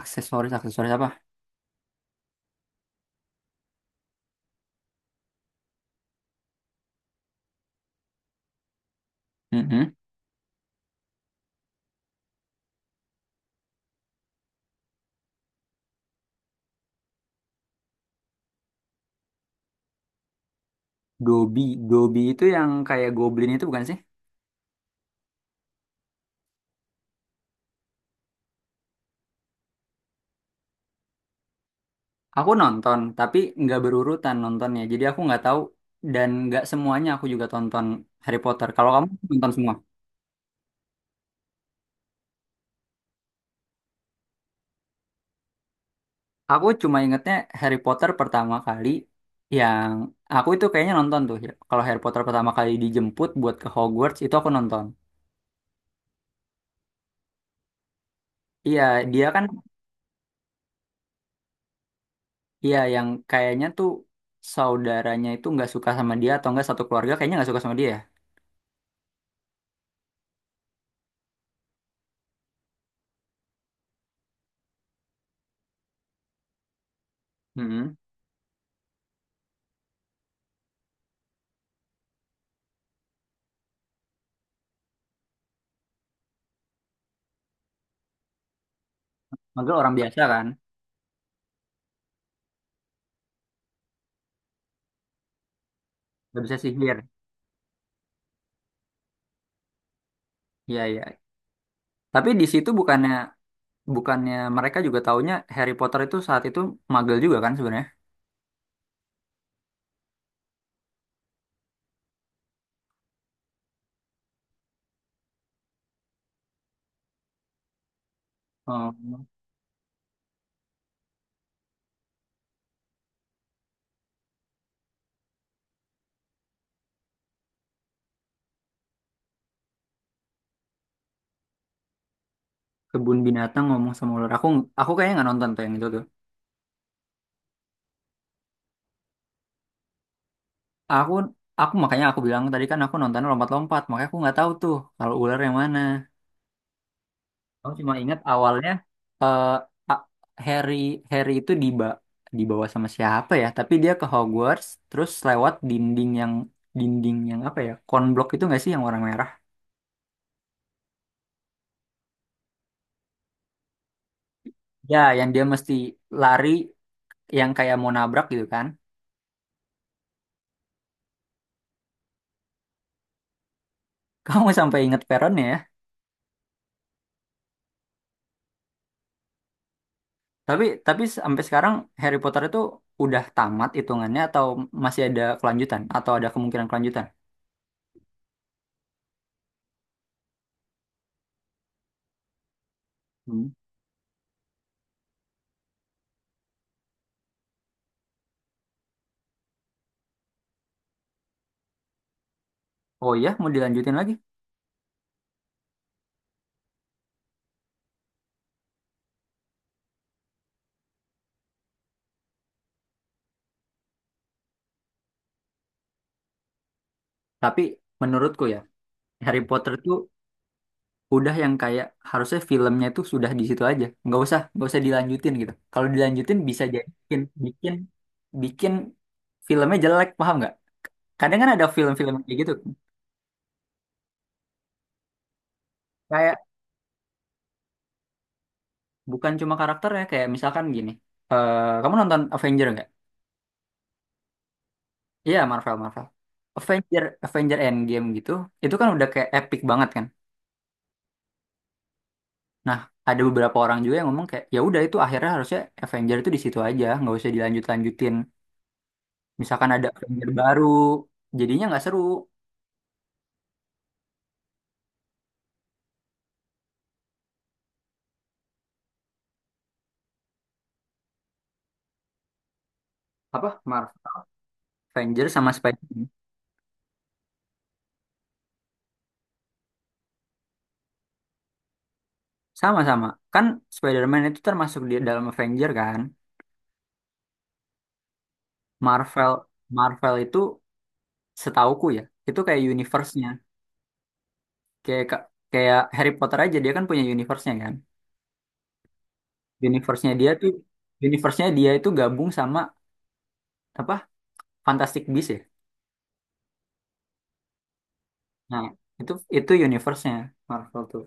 Aksesoris, aksesoris apa? Mm. Gobi, Gobi itu yang kayak Goblin itu bukan sih? Aku nonton, tapi nggak berurutan nontonnya. Jadi aku nggak tahu dan nggak semuanya aku juga tonton Harry Potter. Kalau kamu nonton semua? Aku cuma ingetnya Harry Potter pertama kali yang aku itu kayaknya nonton tuh. Kalau Harry Potter pertama kali dijemput buat ke Hogwarts itu aku nonton. Iya, dia kan, iya yang kayaknya tuh saudaranya itu nggak suka sama dia atau nggak satu keluarga kayaknya nggak suka sama dia, ya? Mm-mm. Magel orang biasa kan, nggak bisa sihir. Iya, iya. Tapi di situ bukannya bukannya mereka juga taunya Harry Potter itu saat itu magel juga kan sebenarnya. Oh, kebun binatang ngomong sama ular. Aku kayaknya nggak nonton tuh yang itu tuh. Aku aku makanya aku bilang tadi kan aku nonton lompat-lompat, makanya aku nggak tahu tuh kalau ular yang mana. Aku cuma ingat awalnya eh A- Harry Harry itu dibawa sama siapa ya? Tapi dia ke Hogwarts terus lewat dinding yang apa ya? Konblok itu nggak sih yang warna merah? Ya, yang dia mesti lari yang kayak mau nabrak gitu kan. Kamu sampai inget peronnya ya. Tapi sampai sekarang Harry Potter itu udah tamat hitungannya atau masih ada kelanjutan atau ada kemungkinan kelanjutan? Hmm. Oh iya, mau dilanjutin lagi. Tapi menurutku ya, Harry Potter itu udah yang kayak harusnya filmnya tuh sudah di situ aja. Nggak usah dilanjutin gitu. Kalau dilanjutin bisa jadi bikin bikin bikin filmnya jelek, paham nggak? Kadang kan ada film-film kayak gitu. Kayak Bukan cuma karakter ya, kayak misalkan gini. Kamu nonton Avenger nggak? Iya, Marvel, Marvel. Avenger, Avenger Endgame gitu, itu kan udah kayak epic banget kan. Nah, ada beberapa orang juga yang ngomong kayak, ya udah itu akhirnya harusnya Avenger itu di situ aja, nggak usah dilanjut-lanjutin. Misalkan ada Avenger baru, jadinya nggak seru. Apa? Marvel, Avenger sama Spider-Man. Sama-sama. Kan Spider-Man itu termasuk di dalam Avenger kan. Marvel, Marvel itu setauku ya, itu kayak universe-nya. Kayak kayak Harry Potter aja dia kan punya universe-nya kan. universe-nya dia tuh universe-nya dia itu gabung sama apa Fantastic Beasts ya, nah itu universe-nya Marvel tuh.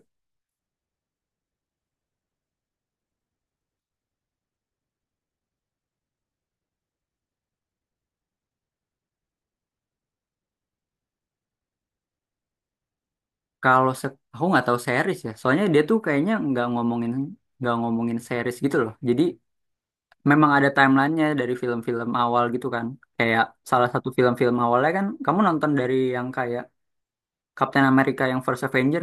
Kalau aku nggak tahu series ya, soalnya dia tuh kayaknya nggak ngomongin series gitu loh. Jadi memang ada timelinenya dari film-film awal gitu kan, kayak salah satu film-film awalnya kan kamu nonton dari yang kayak Captain America yang First Avenger.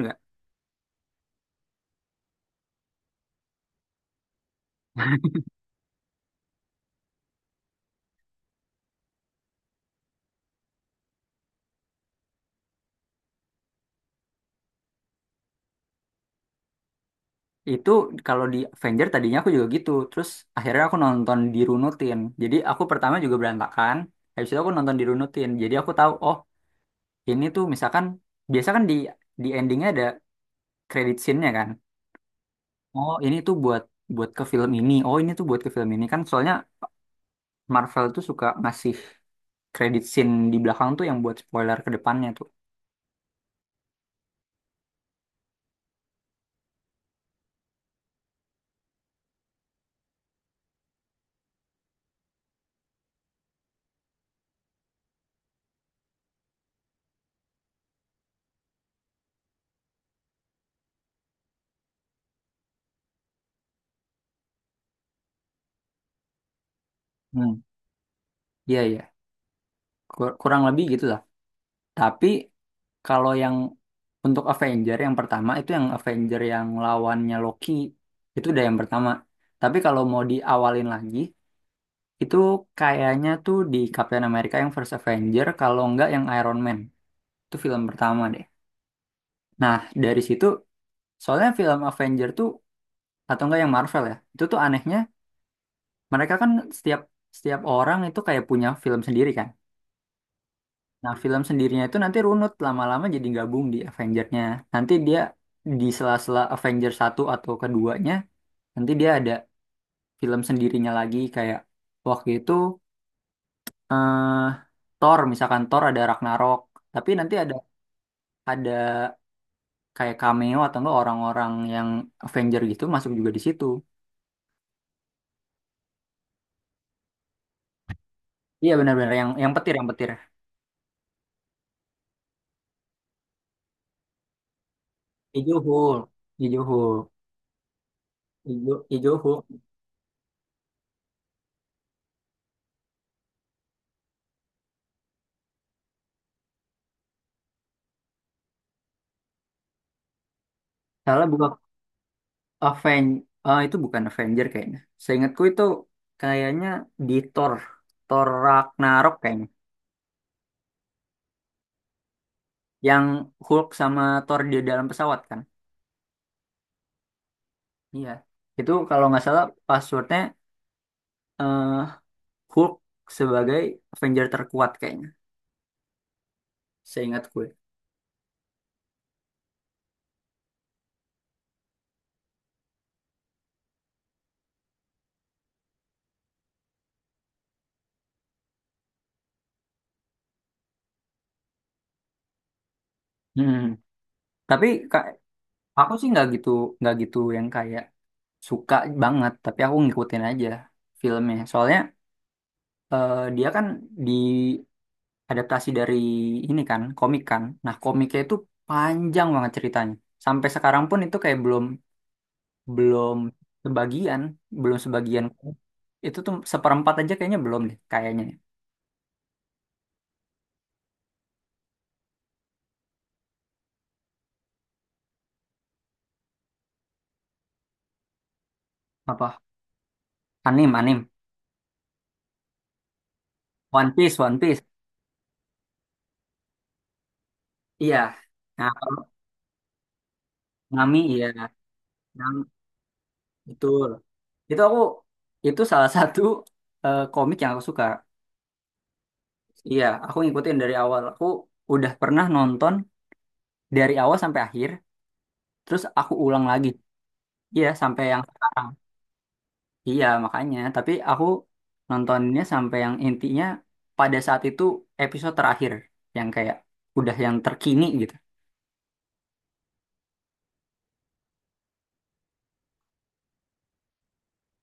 Itu kalau di Avenger tadinya aku juga gitu. Terus akhirnya aku nonton dirunutin. Jadi aku pertama juga berantakan. Habis itu aku nonton dirunutin. Jadi aku tahu, oh ini tuh misalkan biasa kan di endingnya ada credit scene-nya kan. Oh ini tuh buat buat ke film ini. Oh ini tuh buat ke film ini kan. Soalnya Marvel tuh suka ngasih credit scene di belakang tuh yang buat spoiler ke depannya tuh. Hmm. Iya, iya. Kurang lebih gitu lah. Tapi kalau yang untuk Avenger yang pertama itu yang Avenger yang lawannya Loki itu udah yang pertama. Tapi kalau mau diawalin lagi itu kayaknya tuh di Captain America yang First Avenger kalau nggak yang Iron Man. Itu film pertama deh. Nah, dari situ soalnya film Avenger tuh atau enggak yang Marvel ya. Itu tuh anehnya mereka kan setiap setiap orang itu kayak punya film sendiri kan. Nah, film sendirinya itu nanti runut lama-lama jadi gabung di Avengers-nya. Nanti dia di sela-sela Avengers satu atau keduanya, nanti dia ada film sendirinya lagi kayak waktu itu eh, Thor, misalkan Thor ada Ragnarok, tapi nanti ada ada kayak cameo atau enggak orang-orang yang Avenger gitu masuk juga di situ. Iya benar-benar yang petir yang petir. Ijo Hulk, Ijo Hulk, Ijo Ijo Hulk. Salah buka. Aven ah, itu bukan Avenger kayaknya. Seingatku itu kayaknya di Thor, Thor Ragnarok kayaknya. Yang Hulk sama Thor di dalam pesawat kan? Iya. Itu kalau nggak salah passwordnya eh, Hulk sebagai Avenger terkuat kayaknya. Seingat gue. Hmm. Tapi Kak, aku sih nggak gitu yang kayak suka banget. Tapi aku ngikutin aja filmnya. Soalnya dia kan adaptasi dari ini kan komik kan, nah komiknya itu panjang banget ceritanya. Sampai sekarang pun itu kayak belum belum sebagian. belum sebagian itu tuh seperempat aja kayaknya belum deh kayaknya. Apa anim anim? One Piece, One Piece. Iya, nah kalau Nami. Iya, Nam betul. Itu aku itu salah satu komik yang aku suka. Iya, aku ngikutin dari awal, aku udah pernah nonton dari awal sampai akhir terus aku ulang lagi. Iya, sampai yang sekarang. Iya, makanya. Tapi aku nontonnya sampai yang intinya pada saat itu episode terakhir yang kayak udah yang terkini gitu.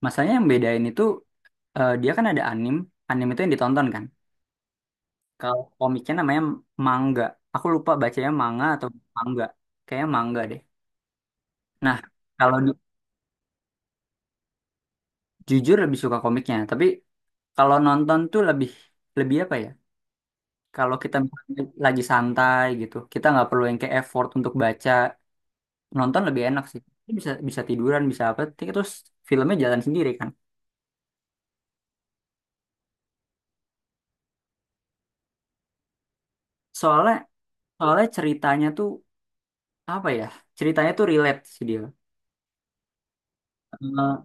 Masalahnya yang bedain itu dia kan ada anim, anim itu yang ditonton kan. Kalau komiknya namanya manga. Aku lupa bacanya manga atau mangga. Kayaknya mangga deh. Nah, kalau jujur lebih suka komiknya, tapi kalau nonton tuh lebih lebih apa ya? Kalau kita misalnya lagi santai gitu, kita nggak perlu yang kayak effort untuk baca. Nonton lebih enak sih, bisa bisa tiduran, bisa apa, terus filmnya jalan sendiri kan. Soalnya soalnya ceritanya tuh apa ya, ceritanya tuh relate sih dia. Eh,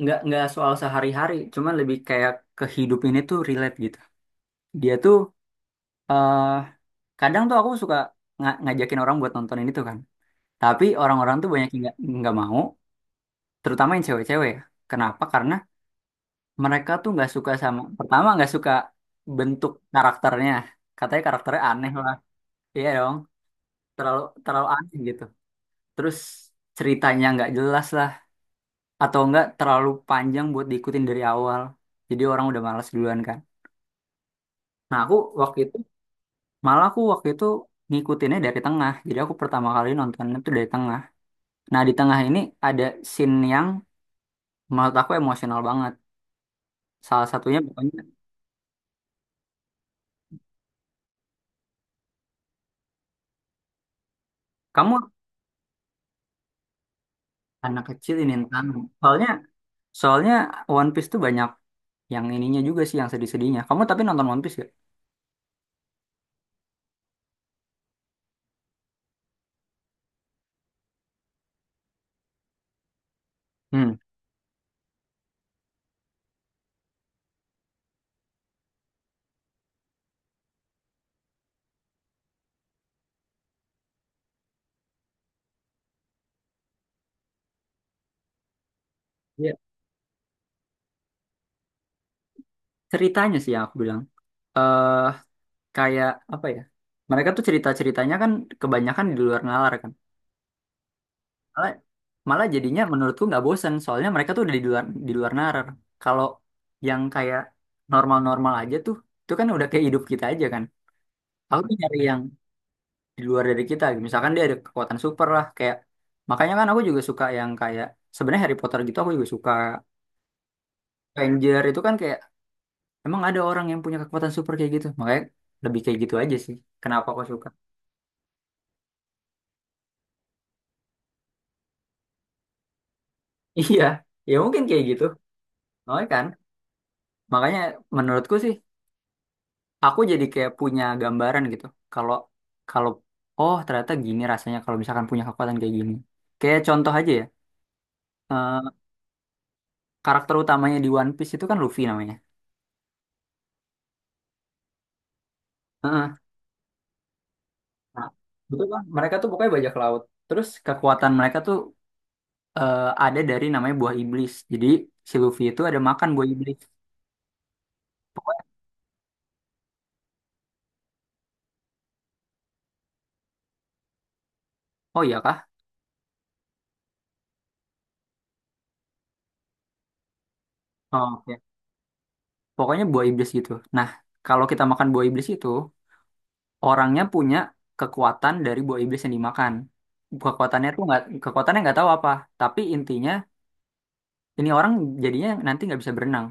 nggak soal sehari-hari, cuman lebih kayak kehidupan ini tuh relate gitu. Dia tuh eh kadang tuh aku suka ngajakin orang buat nonton ini tuh kan, tapi orang-orang tuh banyak yang nggak mau, terutama yang cewek-cewek ya. Kenapa? Karena mereka tuh nggak suka. Sama, pertama nggak suka bentuk karakternya, katanya karakternya aneh lah. Iya dong. Terlalu terlalu aneh gitu. Terus ceritanya nggak jelas lah, atau enggak terlalu panjang buat diikutin dari awal. Jadi orang udah malas duluan kan. Nah aku waktu itu malah aku waktu itu ngikutinnya dari tengah. Jadi aku pertama kali nontonnya tuh dari tengah. Nah di tengah ini ada scene yang menurut aku emosional banget. Salah satunya pokoknya kamu anak kecil ini Intan. Soalnya soalnya One Piece tuh banyak yang ininya juga sih yang sedih-sedihnya. Kamu tapi nonton One Piece gak? Hmm. Iya. Ceritanya sih yang aku bilang. Eh kayak apa ya, mereka tuh cerita ceritanya kan kebanyakan di luar nalar kan, malah malah jadinya menurutku nggak bosen soalnya mereka tuh udah di luar nalar. Kalau yang kayak normal normal aja tuh, itu kan udah kayak hidup kita aja kan. Aku tuh nyari yang di luar dari kita gitu. Misalkan dia ada kekuatan super lah, kayak makanya kan aku juga suka yang kayak sebenarnya Harry Potter gitu aku juga suka. Ranger itu kan kayak emang ada orang yang punya kekuatan super kayak gitu, makanya lebih kayak gitu aja sih kenapa aku suka. Iya, ya mungkin kayak gitu. Soalnya kan, makanya menurutku sih, aku jadi kayak punya gambaran gitu. Kalau kalau oh ternyata gini rasanya kalau misalkan punya kekuatan kayak gini. Kayak contoh aja ya, eh, karakter utamanya di One Piece itu kan Luffy namanya. Heeh. Nah, betul kan? Mereka tuh pokoknya bajak laut. Terus kekuatan mereka tuh ada dari namanya buah iblis. Jadi si Luffy itu ada makan buah iblis. Pokoknya, oh iya kah? Oh, oke. Pokoknya buah iblis gitu. Nah, kalau kita makan buah iblis itu orangnya punya kekuatan dari buah iblis yang dimakan. Kekuatannya tuh nggak, kekuatannya nggak tahu apa, tapi intinya ini orang jadinya nanti nggak bisa berenang.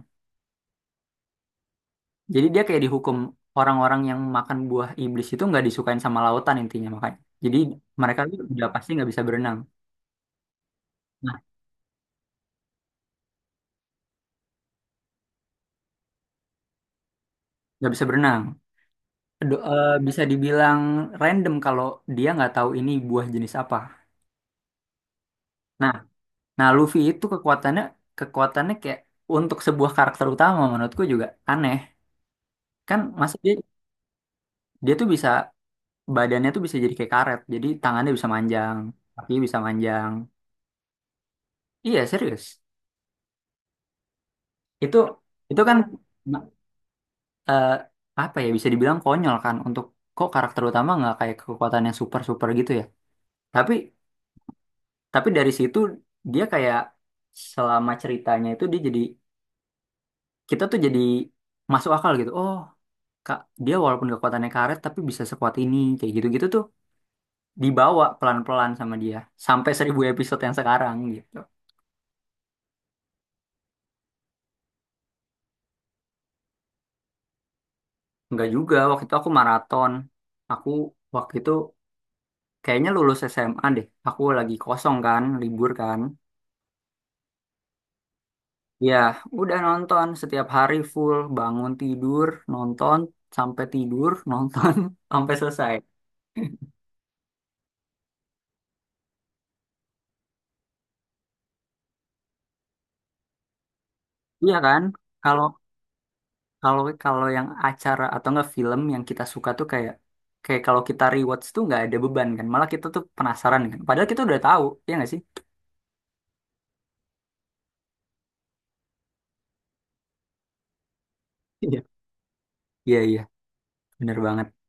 Jadi dia kayak dihukum, orang-orang yang makan buah iblis itu nggak disukain sama lautan intinya makanya. Jadi mereka tuh udah pasti nggak bisa berenang. Nah, nggak bisa berenang. Bisa dibilang random kalau dia nggak tahu ini buah jenis apa. Nah, nah Luffy itu kekuatannya, kekuatannya kayak untuk sebuah karakter utama menurutku juga aneh, kan masa dia. Dia tuh bisa badannya tuh bisa jadi kayak karet. Jadi tangannya bisa manjang, kaki bisa manjang. Iya, serius. Itu itu kan eh, apa ya, bisa dibilang konyol kan, untuk kok karakter utama nggak kayak kekuatan yang super-super gitu ya. Tapi dari situ dia kayak selama ceritanya itu dia jadi, kita tuh jadi masuk akal gitu. Oh, Kak, dia walaupun kekuatannya karet tapi bisa sekuat ini kayak gitu-gitu tuh dibawa pelan-pelan sama dia sampai 1.000 episode yang sekarang gitu. Enggak juga, waktu itu aku maraton. Aku waktu itu kayaknya lulus SMA deh. Aku lagi kosong kan, libur kan. Ya, udah nonton setiap hari full, bangun tidur, nonton sampai tidur, nonton sampai selesai. Iya kan? Kalau kalau kalau yang acara atau enggak film yang kita suka tuh kayak kayak kalau kita rewatch tuh nggak ada beban kan. Malah kita tuh penasaran kan. Padahal kita udah tahu, ya nggak sih? Iya. Iya, iya, bener banget.